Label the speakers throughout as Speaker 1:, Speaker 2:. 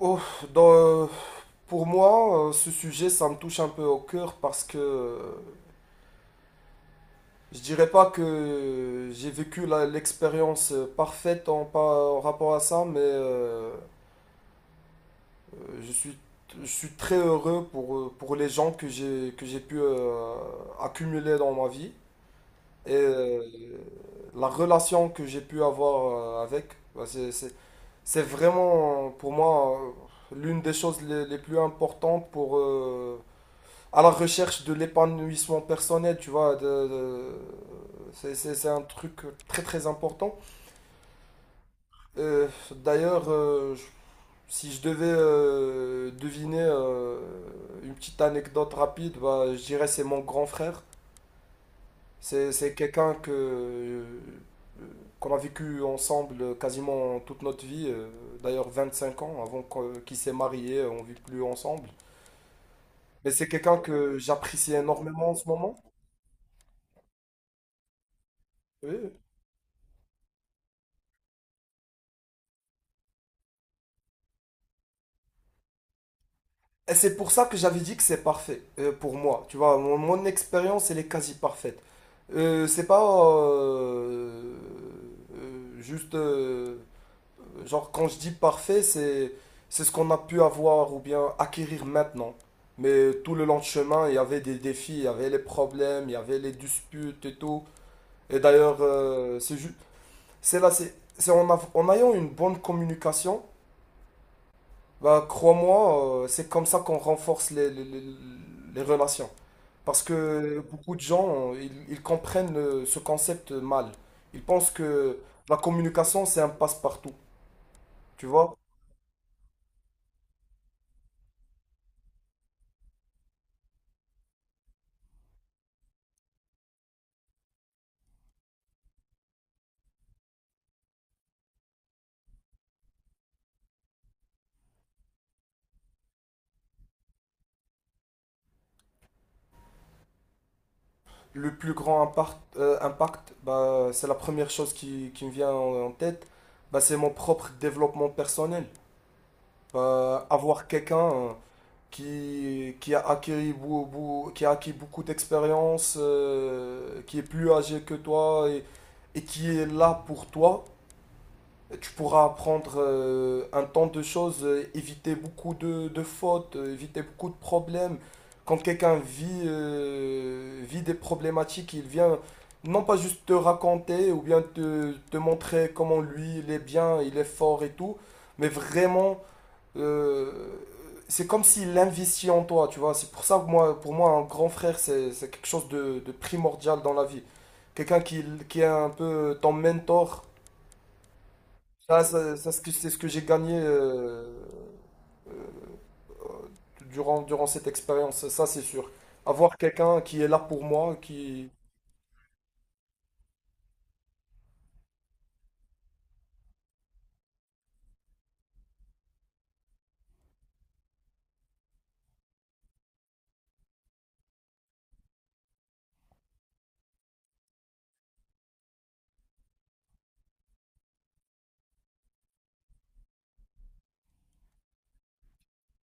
Speaker 1: Oh, dans, euh, pour moi, ce sujet, ça me touche un peu au cœur parce que je dirais pas que j'ai vécu l'expérience parfaite en rapport à ça, mais euh, je suis, je suis très heureux pour les gens que j'ai pu accumuler dans ma vie et la relation que j'ai pu avoir avec. Bah, c'est vraiment pour moi l'une des choses les plus importantes pour à la recherche de l'épanouissement personnel, tu vois. C'est un truc très très important. D'ailleurs, si je devais deviner une petite anecdote rapide, bah, je dirais c'est mon grand frère. C'est quelqu'un qu'on a vécu ensemble quasiment toute notre vie, d'ailleurs 25 ans avant qu'il s'est marié, on ne vit plus ensemble. Mais c'est quelqu'un que j'apprécie énormément en ce moment. Oui, oui. Et c'est pour ça que j'avais dit que c'est parfait pour moi. Tu vois, mon expérience, elle est quasi parfaite. C'est pas euh, juste. Genre, quand je dis parfait, c'est ce qu'on a pu avoir ou bien acquérir maintenant. Mais tout le long de chemin, il y avait des défis, il y avait les problèmes, il y avait les disputes et tout. Et d'ailleurs, c'est juste. C'est là, c'est en ayant une bonne communication, bah, crois-moi, c'est comme ça qu'on renforce les relations. Parce que beaucoup de gens, ils comprennent ce concept mal. Ils pensent que la communication, c'est un passe-partout. Tu vois, le plus grand impact, bah, c'est la première chose qui me vient en tête. Bah, c'est mon propre développement personnel. Bah, avoir quelqu'un qui a acquis beaucoup d'expérience, qui est plus âgé que toi et qui est là pour toi, tu pourras apprendre un tant de choses, éviter beaucoup de fautes, éviter beaucoup de problèmes. Quand quelqu'un vit des problématiques, il vient non pas juste te raconter ou bien te montrer comment lui il est bien, il est fort et tout, mais vraiment euh, c'est comme s'il investit en toi, tu vois. C'est pour ça que moi, pour moi, un grand frère, c'est quelque chose de primordial dans la vie. Quelqu'un qui est un peu ton mentor. Ça, c'est ce que j'ai gagné durant cette expérience, ça c'est sûr. Avoir quelqu'un qui est là pour moi, qui.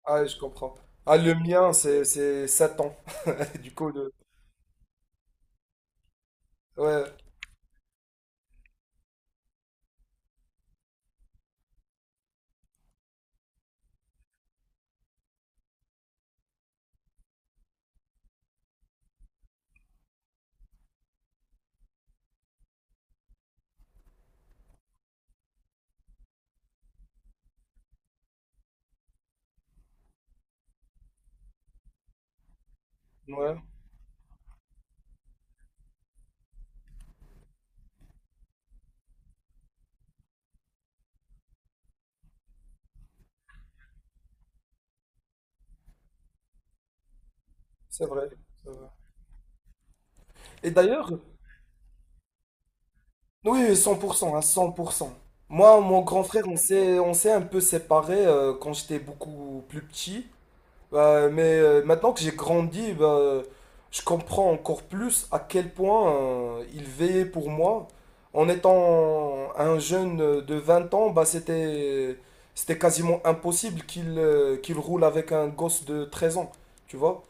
Speaker 1: Ah, je comprends. Ah, le mien, c'est 7 ans. Du coup, le. Ouais, ouais, c'est vrai. C'est vrai. Et d'ailleurs, oui, 100%, à 100%. Moi, mon grand frère, on s'est un peu séparés quand j'étais beaucoup plus petit. Mais maintenant que j'ai grandi, bah, je comprends encore plus à quel point il veillait pour moi. En étant un jeune de 20 ans, bah, c'était quasiment impossible qu'il roule avec un gosse de 13 ans, tu vois?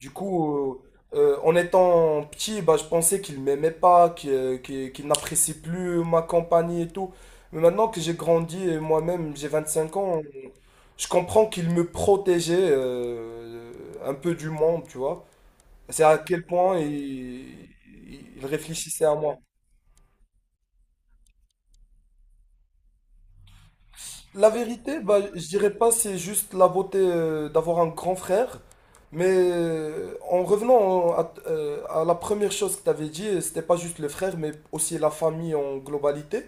Speaker 1: Du coup, en étant petit, bah, je pensais qu'il m'aimait pas, qu'il n'apprécie plus ma compagnie et tout. Mais maintenant que j'ai grandi et moi-même, j'ai 25 ans, je comprends qu'il me protégeait un peu du monde, tu vois. C'est à quel point il réfléchissait à moi. La vérité, bah, je dirais pas c'est juste la beauté d'avoir un grand frère, mais en revenant à la première chose que tu avais dit, c'était pas juste le frère, mais aussi la famille en globalité.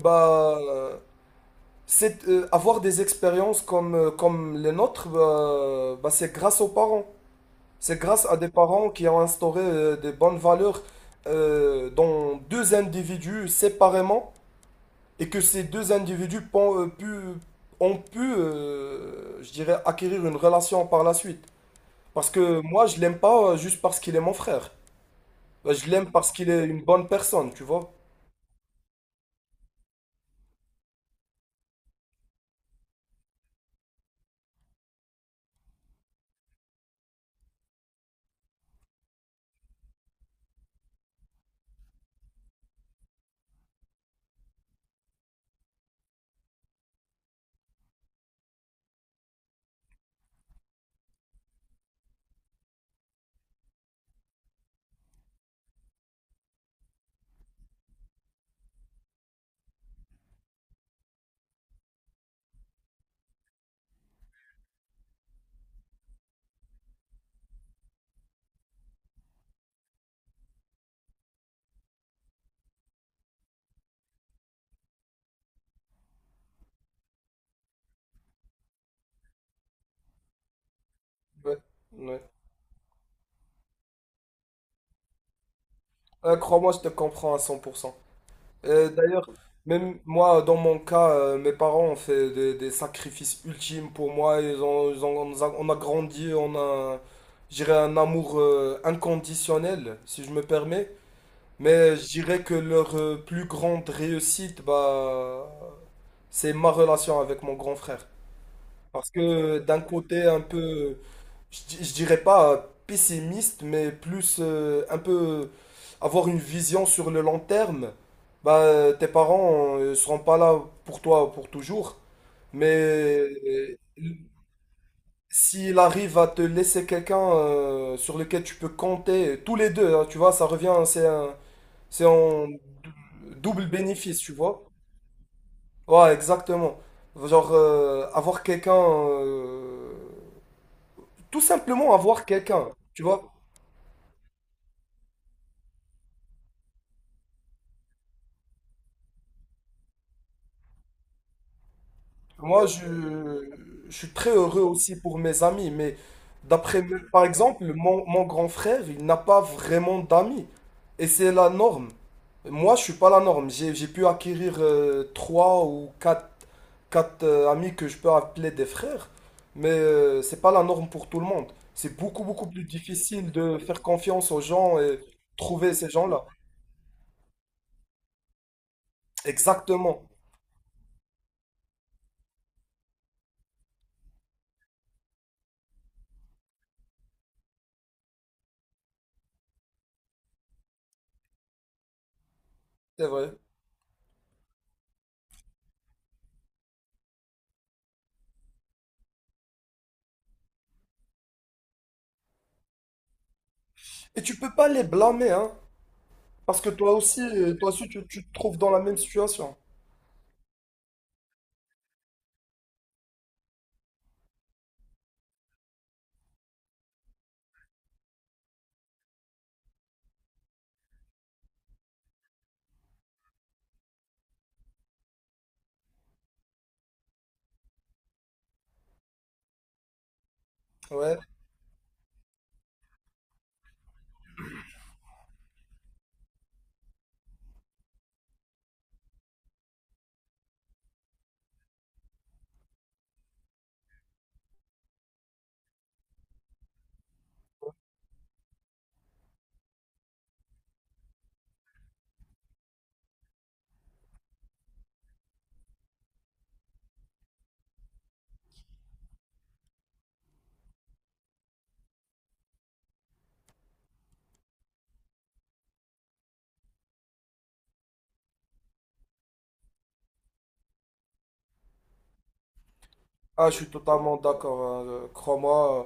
Speaker 1: Bah, c'est avoir des expériences comme les nôtres, bah, c'est grâce aux parents. C'est grâce à des parents qui ont instauré des bonnes valeurs dans deux individus séparément et que ces deux individus ont pu, je dirais, acquérir une relation par la suite. Parce que moi, je l'aime pas juste parce qu'il est mon frère. Je l'aime parce qu'il est une bonne personne, tu vois. Ouais, ouais. Crois-moi, je te comprends à 100%. D'ailleurs, même moi, dans mon cas, mes parents ont fait des sacrifices ultimes pour moi. Ils ont- on nous a, on a grandi, on a, je dirais, un amour inconditionnel, si je me permets. Mais je dirais que leur plus grande réussite, bah, c'est ma relation avec mon grand frère. Parce que d'un côté un peu, je dirais pas pessimiste, mais plus un peu avoir une vision sur le long terme, bah, tes parents ne seront pas là pour toi pour toujours. Mais euh, s'il arrive à te laisser quelqu'un sur lequel tu peux compter, tous les deux, hein, tu vois, ça revient, c'est un, c'est en dou- double bénéfice, tu vois. Ouais, exactement. Genre, tout simplement avoir quelqu'un, tu vois. Moi, je suis très heureux aussi pour mes amis, mais par exemple, mon grand frère, il n'a pas vraiment d'amis. Et c'est la norme. Moi, je suis pas la norme. J'ai pu acquérir trois ou quatre amis que je peux appeler des frères, mais c'est pas la norme pour tout le monde. C'est beaucoup, beaucoup plus difficile de faire confiance aux gens et trouver ces gens-là. Exactement, c'est vrai. Et tu peux pas les blâmer, hein, parce que toi aussi, tu te trouves dans la même situation. Ouais. Ah, je suis totalement d'accord, hein. Crois-moi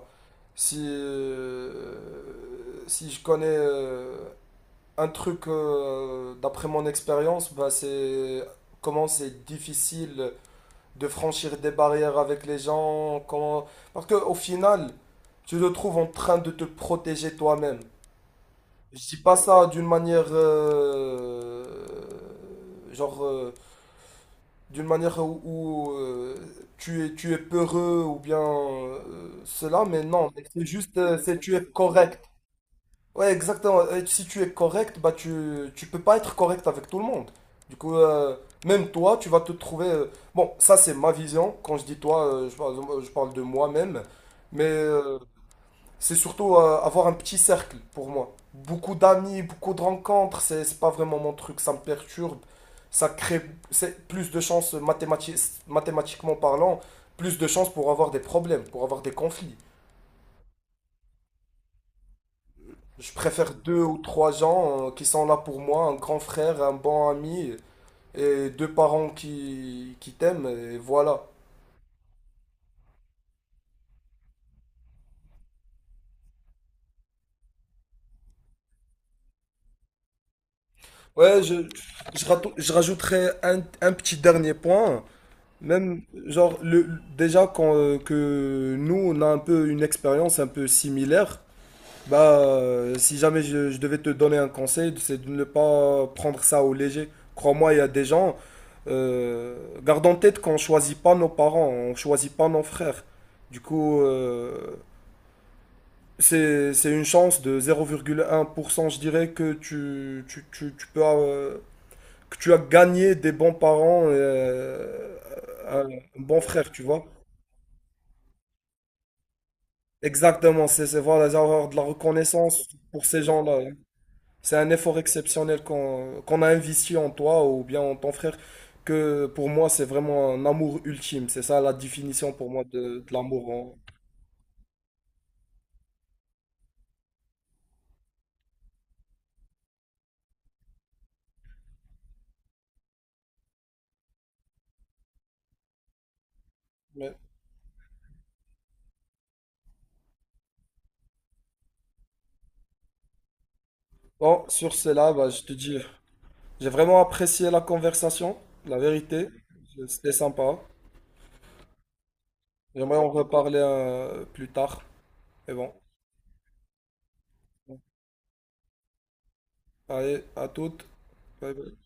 Speaker 1: si, si je connais un truc d'après mon expérience, bah c'est comment c'est difficile de franchir des barrières avec les gens. Comment. Parce qu'au final, tu te trouves en train de te protéger toi-même. Je dis pas ça d'une manière. Genre. D'une manière où, tu es peureux ou bien cela, mais non, mais c'est juste. C'est tu es correct. Ouais, exactement. Et si tu es correct, bah tu peux pas être correct avec tout le monde. Du coup, même toi, tu vas te trouver. Bon, ça c'est ma vision. Quand je dis toi, je parle de moi-même. Mais c'est surtout avoir un petit cercle pour moi. Beaucoup d'amis, beaucoup de rencontres, c'est pas vraiment mon truc. Ça me perturbe. Ça crée c'est plus de chances mathématiquement parlant, plus de chances pour avoir des problèmes, pour avoir des conflits. Je préfère deux ou trois gens qui sont là pour moi, un grand frère, un bon ami et deux parents qui t'aiment, et voilà. Ouais, je rajouterai un petit dernier point. Même, genre, déjà que nous, on a un peu une expérience un peu similaire. Bah, si jamais je devais te donner un conseil, c'est de ne pas prendre ça au léger. Crois-moi, il y a des gens. euh, Garde en tête qu'on choisit pas nos parents, on choisit pas nos frères. Du coup, c'est une chance de 0,1%, je dirais, que tu peux, que tu as gagné des bons parents, un bon frère, tu vois. Exactement, voilà, avoir de la reconnaissance pour ces gens-là. C'est un effort exceptionnel qu'on a investi en toi ou bien en ton frère, que pour moi, c'est vraiment un amour ultime. C'est ça la définition pour moi de l'amour. Mais bon, sur cela, bah, je te dis, j'ai vraiment apprécié la conversation, la vérité. C'était sympa. J'aimerais en reparler plus tard. Mais bon, allez, à toutes. Bye bye.